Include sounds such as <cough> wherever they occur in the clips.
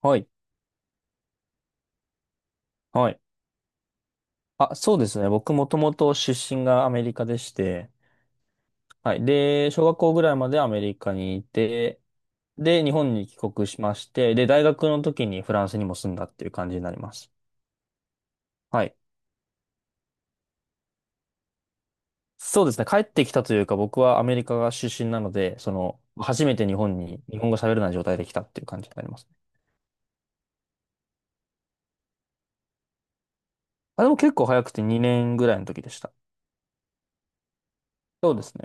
はい。はい。そうですね。僕もともと出身がアメリカでして、はい。小学校ぐらいまでアメリカにいて、日本に帰国しまして、大学の時にフランスにも住んだっていう感じになります。はい。そうですね。帰ってきたというか、僕はアメリカが出身なので、初めて日本に、日本語喋れない状態で来たっていう感じになりますね。でも結構早くて2年ぐらいの時でした。そうですね。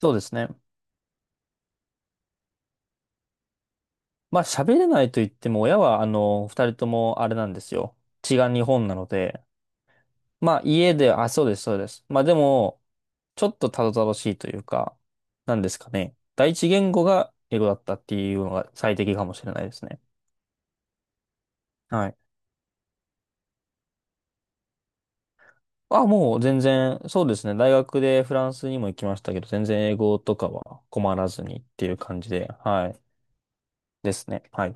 そうですね。まあ、喋れないと言っても、親は、二人ともあれなんですよ。血が日本なので、まあ家で、そうです、そうです。まあでも、ちょっとたどたどしいというか、なんですかね。第一言語が英語だったっていうのが最適かもしれないですね。はい。もう全然、そうですね。大学でフランスにも行きましたけど、全然英語とかは困らずにっていう感じで、はい。ですね。はい。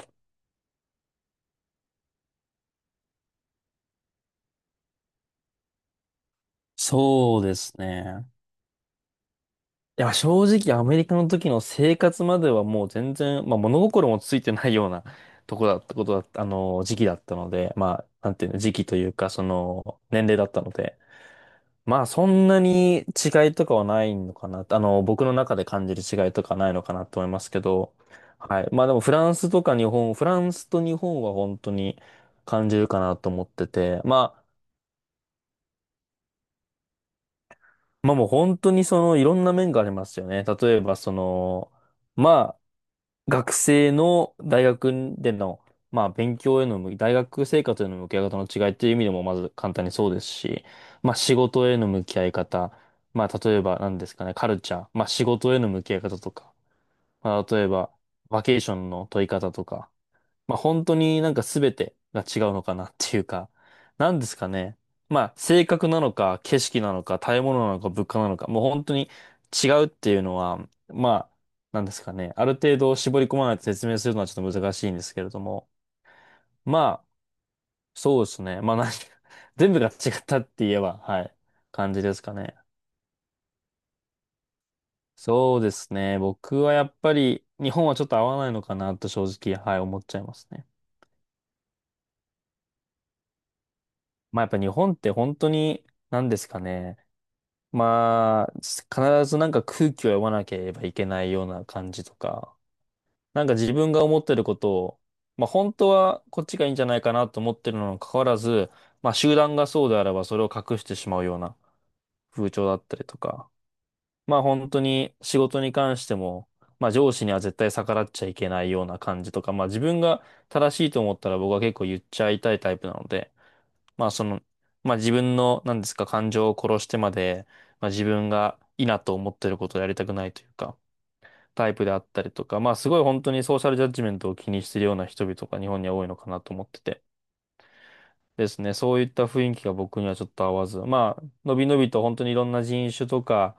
そうですね。いや、正直アメリカの時の生活まではもう全然、まあ物心もついてないような <laughs> とこだった時期だったので、まあ、なんていうの、時期というか、年齢だったので、まあそんなに違いとかはないのかな、僕の中で感じる違いとかないのかなと思いますけど、はい。まあでもフランスとか日本、フランスと日本は本当に感じるかなと思ってて、まあ、まあもう本当にその、いろんな面がありますよね。例えばその、まあ、学生の大学での、まあ、勉強への向き、大学生活への向き合い方の違いっていう意味でもまず簡単にそうですし、まあ、仕事への向き合い方、まあ、例えば何ですかね、カルチャー、まあ、仕事への向き合い方とか、まあ、例えば、バケーションの取り方とか、まあ本当になんか全てが違うのかなっていうか、なんですかね。まあ性格なのか、景色なのか、食べ物なのか、物価なのか、もう本当に違うっていうのは、まあ、なんですかね。ある程度絞り込まないと説明するのはちょっと難しいんですけれども、まあ、そうですね。まあ何 <laughs> 全部が違ったって言えば、はい、感じですかね。そうですね。僕はやっぱり日本はちょっと合わないのかなと正直、はい、思っちゃいますね。まあやっぱ日本って本当に、なんですかね。まあ、必ずなんか空気を読まなければいけないような感じとか、なんか自分が思ってることを、まあ本当はこっちがいいんじゃないかなと思ってるのに関わらず、まあ集団がそうであればそれを隠してしまうような風潮だったりとか、まあ本当に仕事に関しても、まあ上司には絶対逆らっちゃいけないような感じとか、まあ自分が正しいと思ったら僕は結構言っちゃいたいタイプなので、まあその、まあ自分の、なんですか、感情を殺してまで、まあ自分がいいなと思ってることをやりたくないというか、タイプであったりとか、まあすごい本当にソーシャルジャッジメントを気にしてるような人々が日本には多いのかなと思ってて。ですね。そういった雰囲気が僕にはちょっと合わず。まあ、のびのびと本当にいろんな人種とか、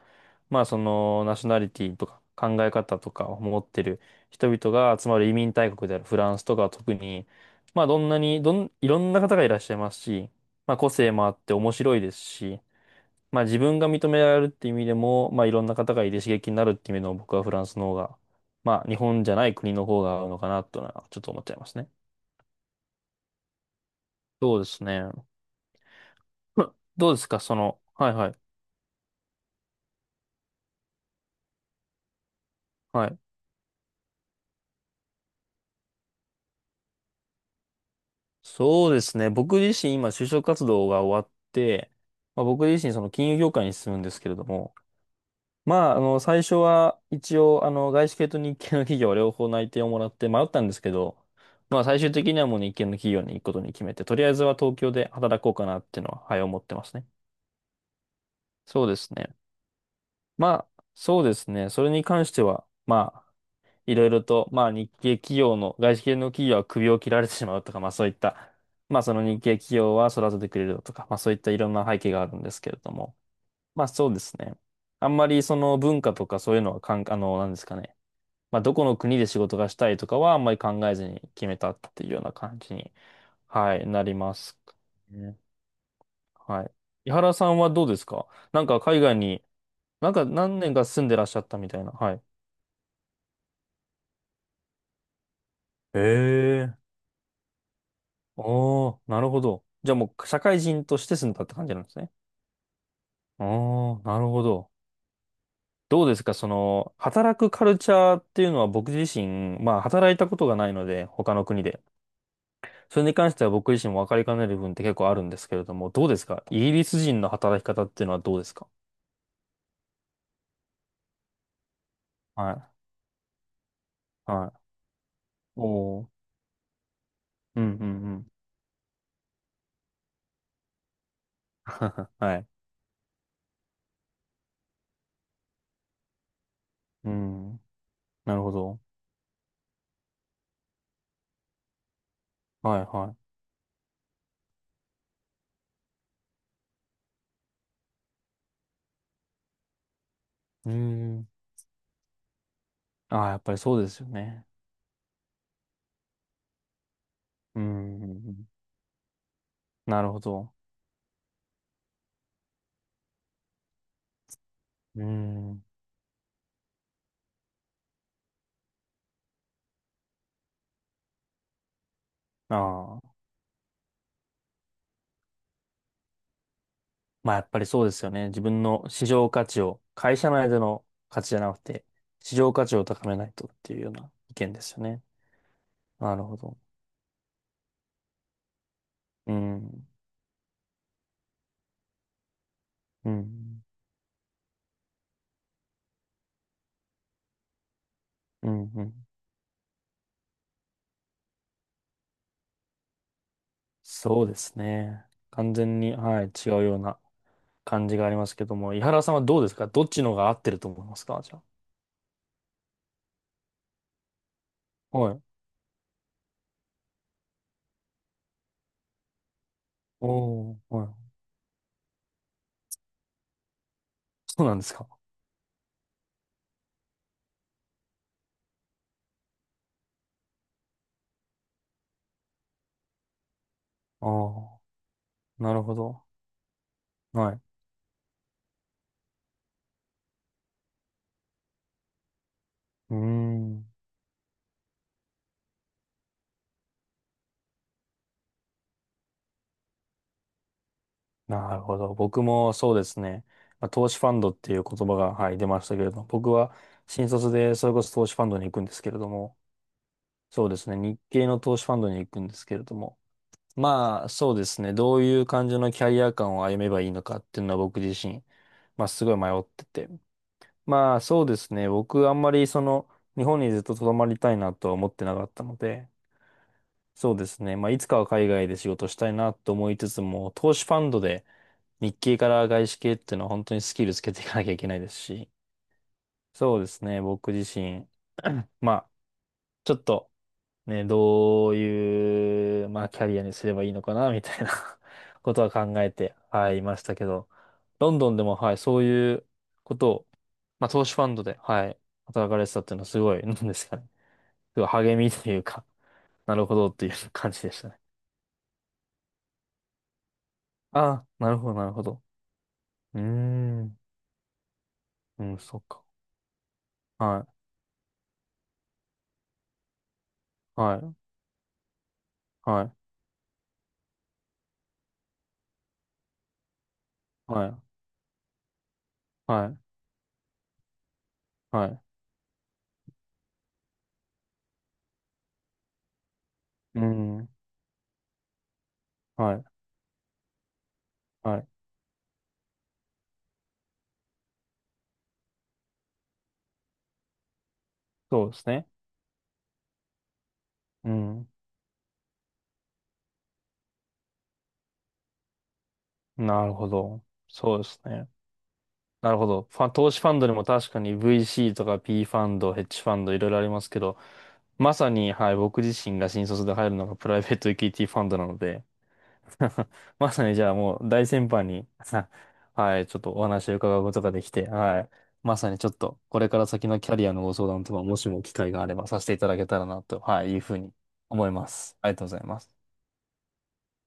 まあそのナショナリティとか考え方とかを持ってる人々が集まる移民大国であるフランスとかは特に、まあどんなに、どん、いろんな方がいらっしゃいますし、まあ個性もあって面白いですし、まあ自分が認められるっていう意味でも、まあいろんな方がいて刺激になるっていう意味でも僕はフランスの方が、まあ日本じゃない国の方が合うのかなというのはちょっと思っちゃいますね。そうですね。<laughs> どうですか、その、はいはい。はい。そうですね。僕自身今就職活動が終わって、まあ、僕自身その金融業界に進むんですけれども、まあ、最初は一応、外資系と日系の企業両方内定をもらって迷ったんですけど、まあ、最終的にはもう日系の企業に行くことに決めて、とりあえずは東京で働こうかなっていうのは、はい、思ってますね。そうですね。まあ、そうですね。それに関しては、まあ、いろいろと、まあ日系企業の、外資系の企業は首を切られてしまうとか、まあそういった、まあその日系企業は育ててくれるとか、まあそういったいろんな背景があるんですけれども、まあそうですね。あんまりその文化とかそういうのはかん、あの、なんですかね。まあどこの国で仕事がしたいとかはあんまり考えずに決めたっていうような感じに、はい、なりますね。はい。井原さんはどうですか。なんか海外に、なんか何年か住んでらっしゃったみたいな。はい。へえ。おー、なるほど。じゃあもう社会人として住んだって感じなんですね。おー、なるほど。どうですか、その、働くカルチャーっていうのは僕自身、まあ働いたことがないので、他の国で。それに関しては僕自身も分かりかねる部分って結構あるんですけれども、どうですかイギリス人の働き方っていうのはどうですか。はい。はい。おー。うんうんうん。<laughs> はい。うん。なるほど。はいはい。うーん。ああ、やっぱりそうですよね。うんうんうん。なるほど。うん。ああ。まあやっぱりそうですよね。自分の市場価値を、会社内での価値じゃなくて、市場価値を高めないとっていうような意見ですよね。なるほど。うん。うん。うん。うん。そうですね。完全に、はい、違うような感じがありますけども、井原さんはどうですかどっちの方が合ってると思いますかじゃあ。はい。おー、はい。そうなんですか。ああ、なるほど。はい。うーん。なるほど。僕もそうですね。まあ、投資ファンドっていう言葉が、はい、出ましたけれども、僕は新卒でそれこそ投資ファンドに行くんですけれども、そうですね。日系の投資ファンドに行くんですけれども、まあそうですね。どういう感じのキャリア感を歩めばいいのかっていうのは僕自身、まあすごい迷ってて。まあそうですね。僕あんまりその日本にずっと留まりたいなとは思ってなかったので、そうですね。まあ、いつかは海外で仕事したいなと思いつつも、投資ファンドで日系から外資系っていうのは本当にスキルつけていかなきゃいけないですし、そうですね。僕自身、まあ、ちょっとね、どういう、まあ、キャリアにすればいいのかな、みたいな <laughs> ことは考えて、はい、いましたけど、ロンドンでも、はい、そういうことを、まあ、投資ファンドで、はい、働かれてたっていうのはすごい、なんですかね。すごい励みというか、なるほどっていう感じでしたね。ああ、なるほど、なるほど。うーん。うん、そっか。はい、はい、はい、はい、はい、はい。うん、はい、はい。そうですね。うん。なるほど。そうですね。なるほど。ファン、投資ファンドにも確かに VC とか P ファンド、ヘッジファンドいろいろありますけど、まさに、はい、僕自身が新卒で入るのがプライベートエクイティファンドなので、<laughs> まさにじゃあもう大先輩に <laughs> はい、ちょっとお話を伺うことができて、はい。まさにちょっと、これから先のキャリアのご相談とか、もしも機会があればさせていただけたらなと、はい、いうふうに思います。ありがとうございます。